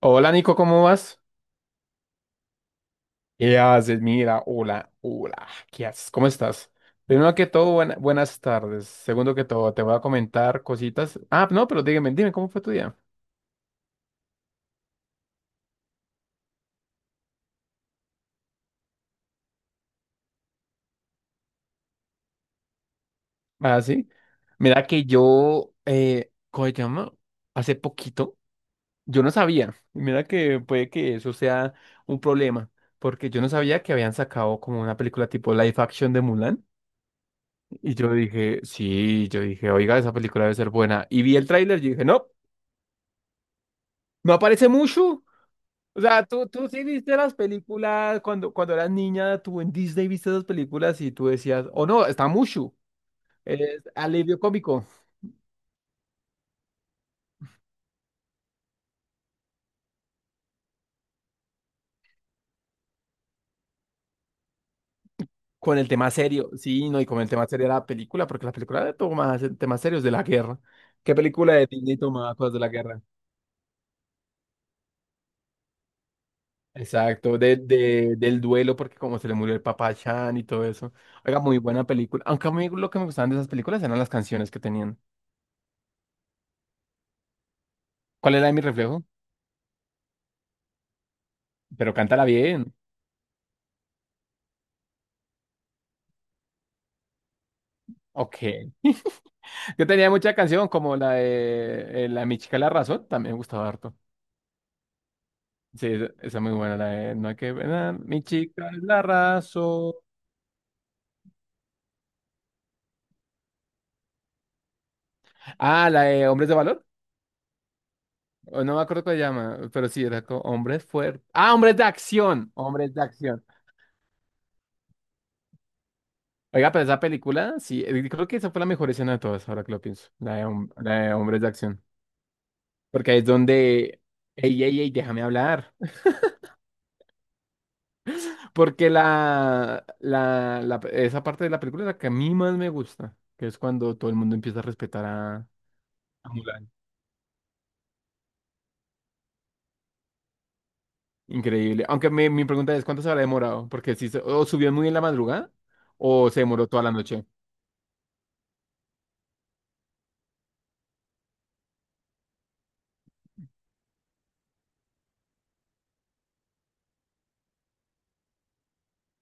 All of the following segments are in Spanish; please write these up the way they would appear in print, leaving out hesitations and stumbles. Hola Nico, ¿cómo vas? ¿Qué haces? Mira, hola, hola, ¿qué haces? ¿Cómo estás? Primero que todo, buenas tardes. Segundo que todo, te voy a comentar cositas. Ah, no, pero dígame, dime, ¿cómo fue tu día? Ah, sí. Mira que yo, ¿cómo se llama? Hace poquito, yo no sabía. Y mira que puede que eso sea un problema, porque yo no sabía que habían sacado como una película tipo live action de Mulan. Y yo dije, sí, yo dije, oiga, esa película debe ser buena. Y vi el tráiler y dije, no, no aparece mucho. O sea, tú sí viste las películas cuando eras niña, tú en Disney viste esas películas y tú decías, oh no, está Mushu, es alivio cómico, con el tema serio, sí, no, y con el tema serio de la película, porque la película toma temas serios de la guerra. ¿Qué película de Disney tomaba cosas de la guerra? Exacto, del duelo, porque como se le murió el papá a Chan y todo eso. Oiga, muy buena película. Aunque a mí lo que me gustaban de esas películas eran las canciones que tenían. ¿Cuál era mi reflejo? Pero cántala bien. Ok. Yo tenía mucha canción como la de La de Mi Chica La Razón, también me gustaba harto. Sí, esa es muy buena, la de No hay que ver a Mi Chica La Razón. Ah, la de Hombres de Valor, o no me acuerdo cómo se llama, pero sí, era como Hombres Fuertes. Ah, Hombres de Acción, Hombres de Acción. Oiga, pero esa película, sí, creo que esa fue la mejor escena de todas, ahora que lo pienso, la de, la de Hombres de Acción. Porque ahí es donde, ey, ey, ey, déjame hablar. Porque esa parte de la película es la que a mí más me gusta, que es cuando todo el mundo empieza a respetar a Mulan. Increíble. Aunque mi pregunta es, ¿cuánto se habrá demorado? Porque si se- o subió muy en la madrugada o se demoró toda la noche.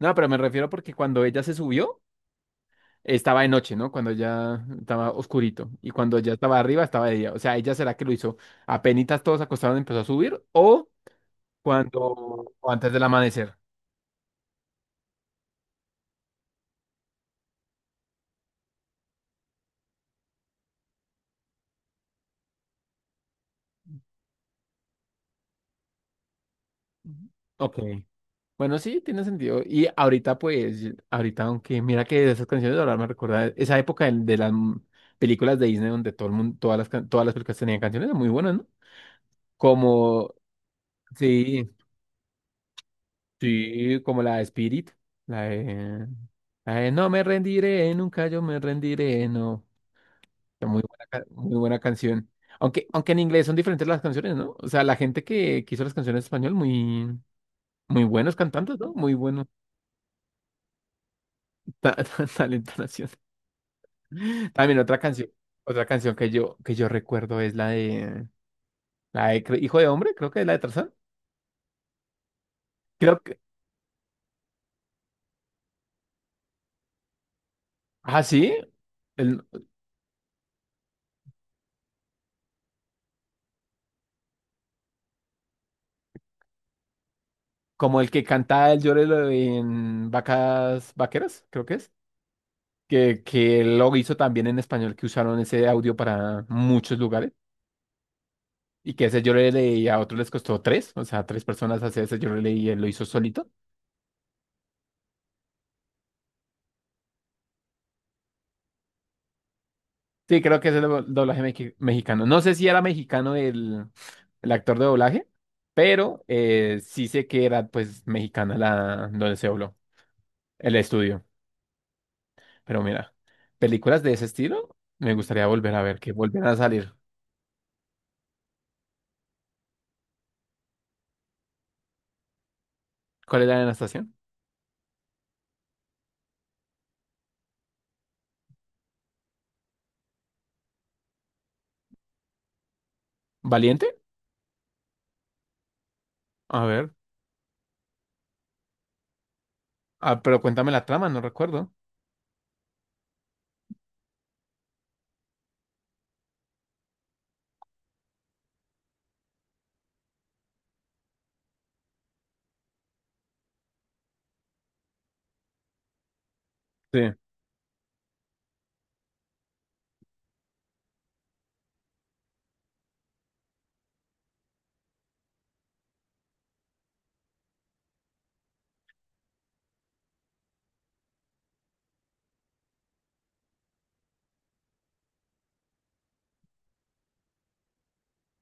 No, pero me refiero porque cuando ella se subió, estaba de noche, ¿no? Cuando ya estaba oscurito. Y cuando ya estaba arriba, estaba de día. O sea, ¿ella será que lo hizo apenitas todos acostados empezó a subir o cuando o antes del amanecer? Ujú. Ok. Bueno, sí, tiene sentido. Y ahorita, pues, ahorita, aunque mira que esas canciones de ahora me recuerda esa época de, películas de Disney donde todo el mundo, todas las películas tenían canciones muy buenas, ¿no? Como, sí, sí, como la de Spirit, la de, la de No me rendiré, nunca yo me rendiré, no. Está muy buena, muy buena canción. Aunque en inglés son diferentes las canciones, ¿no? O sea, la gente que hizo las canciones en español, muy, muy buenos cantantes, ¿no? Muy buenos. Talento Nación. También otra canción que yo recuerdo es la de Hijo de Hombre, creo que es la de Tarzán. Creo que, ah, sí, el- como el que canta el llorelo en Vacas Vaqueras, creo que es, que lo hizo también en español, que usaron ese audio para muchos lugares, y que ese llorelo y a otros les costó tres, o sea, tres personas hacer ese llorelo y él lo hizo solito. Sí, creo que es el doblaje mexicano. No sé si era mexicano el actor de doblaje, pero sí sé que era pues mexicana la donde se dobló, el estudio. Pero mira, películas de ese estilo me gustaría volver a ver, que volvieran a salir. ¿Cuál era la estación? ¿Valiente? A ver. Ah, pero cuéntame la trama, no recuerdo. Sí.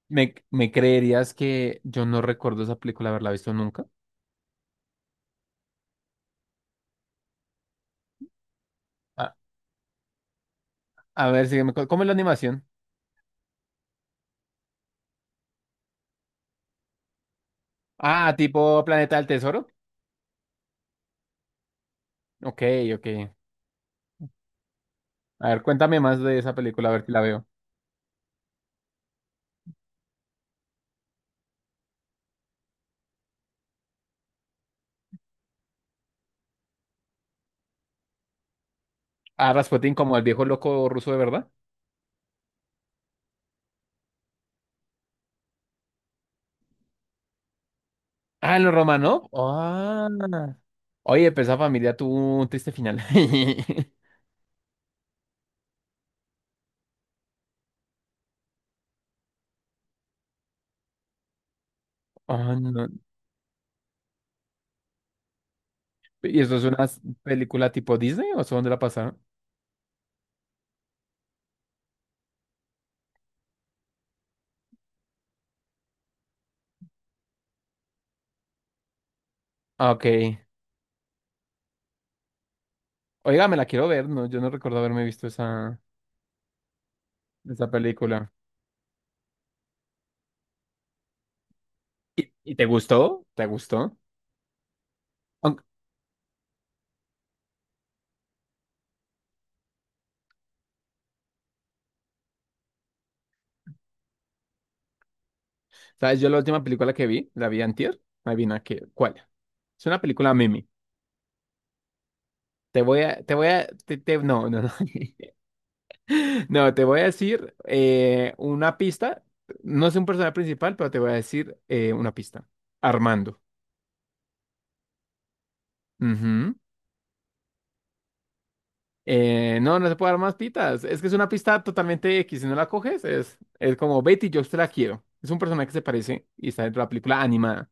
¿Me, me creerías que yo no recuerdo esa película haberla visto nunca? A, a ver, sígueme. ¿Cómo es la animación? Ah, tipo Planeta del Tesoro. Ok, ok. A ver, cuéntame más de esa película, a ver si la veo. Ah, Rasputin como el viejo loco ruso de verdad. Ah, en los Romanov. Ah. Oye, pero esa familia tuvo un triste final. Ah, no. ¿Y eso es una película tipo Disney o eso dónde la pasaron? Ah, ok. Oiga, me la quiero ver, no, yo no recuerdo haberme visto esa, esa película. Y te gustó? ¿Te gustó? Aunque- ¿Sabes? Yo la última película que vi, la vi antier. Adivina qué, ¿cuál? Es una película meme. Te voy a, te voy a, te- te- no, no, no. No, te voy a decir una pista. No es un personaje principal, pero te voy a decir una pista. Armando. Ujú. No, no se puede dar más pistas. Es que es una pista totalmente X. Si no la coges, es como Betty, yo te la quiero. Es un personaje que se parece y está dentro de la película animada.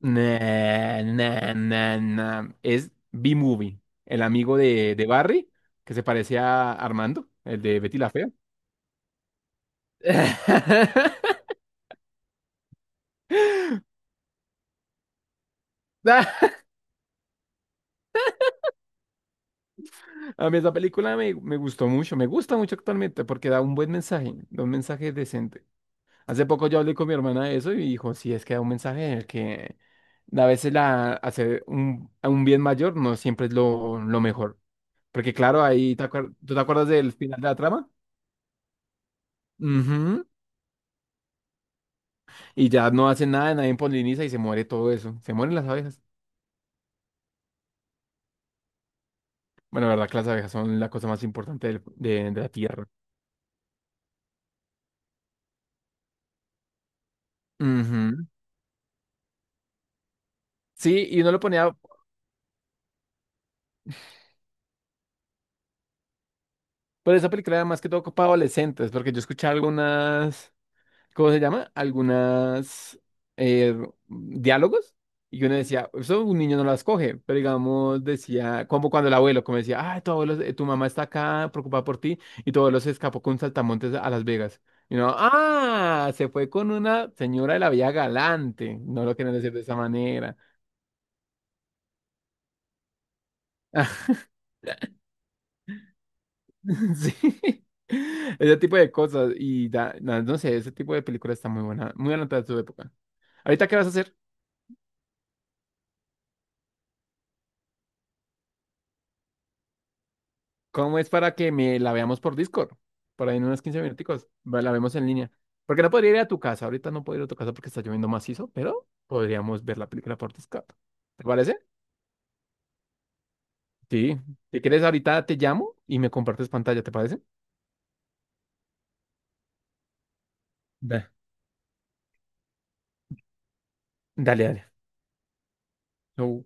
Nah, nah, nah, nah. Es B-Movie, el amigo de Barry, que se parece a Armando, el de Betty la Fea. A mí esa película me gustó mucho, me gusta mucho actualmente porque da un buen mensaje, da un mensaje decente. Hace poco yo hablé con mi hermana de eso y dijo, sí, es que da un mensaje en el que a veces la, hacer un, a un bien mayor no siempre es lo mejor. Porque claro, ¿tú te acuerdas del final de la trama? Ujú. Y ya no hacen nada, nadie poliniza y se muere todo eso. Se mueren las abejas. Bueno, la verdad que las abejas son la cosa más importante de la tierra. Ujú. Sí, y uno lo ponía. Pero esa película era más que todo para adolescentes, porque yo escuché algunas, ¿cómo se llama? Algunas eh, diálogos, y uno decía, eso un niño no las coge, pero digamos, decía, como cuando el abuelo, como decía, ah, tu abuelo, tu mamá está acá preocupada por ti, y tu abuelo se escapó con un saltamontes a Las Vegas. Y uno, ah, se fue con una señora de la vía galante, no lo quieren decir de esa manera. Sí. Ese tipo de cosas. Y no sé, ese tipo de película está muy buena, muy adelantada a su época. Ahorita, ¿qué vas a hacer? ¿Cómo es para que me la veamos por Discord? Por ahí en unos 15 minuticos. Va, la vemos en línea. Porque no podría ir a tu casa. Ahorita no puedo ir a tu casa porque está lloviendo macizo, pero podríamos ver la película por Discord. ¿Te parece? Sí. Si quieres, ahorita te llamo y me compartes pantalla, ¿te parece? Da- Dale, dale. Chau.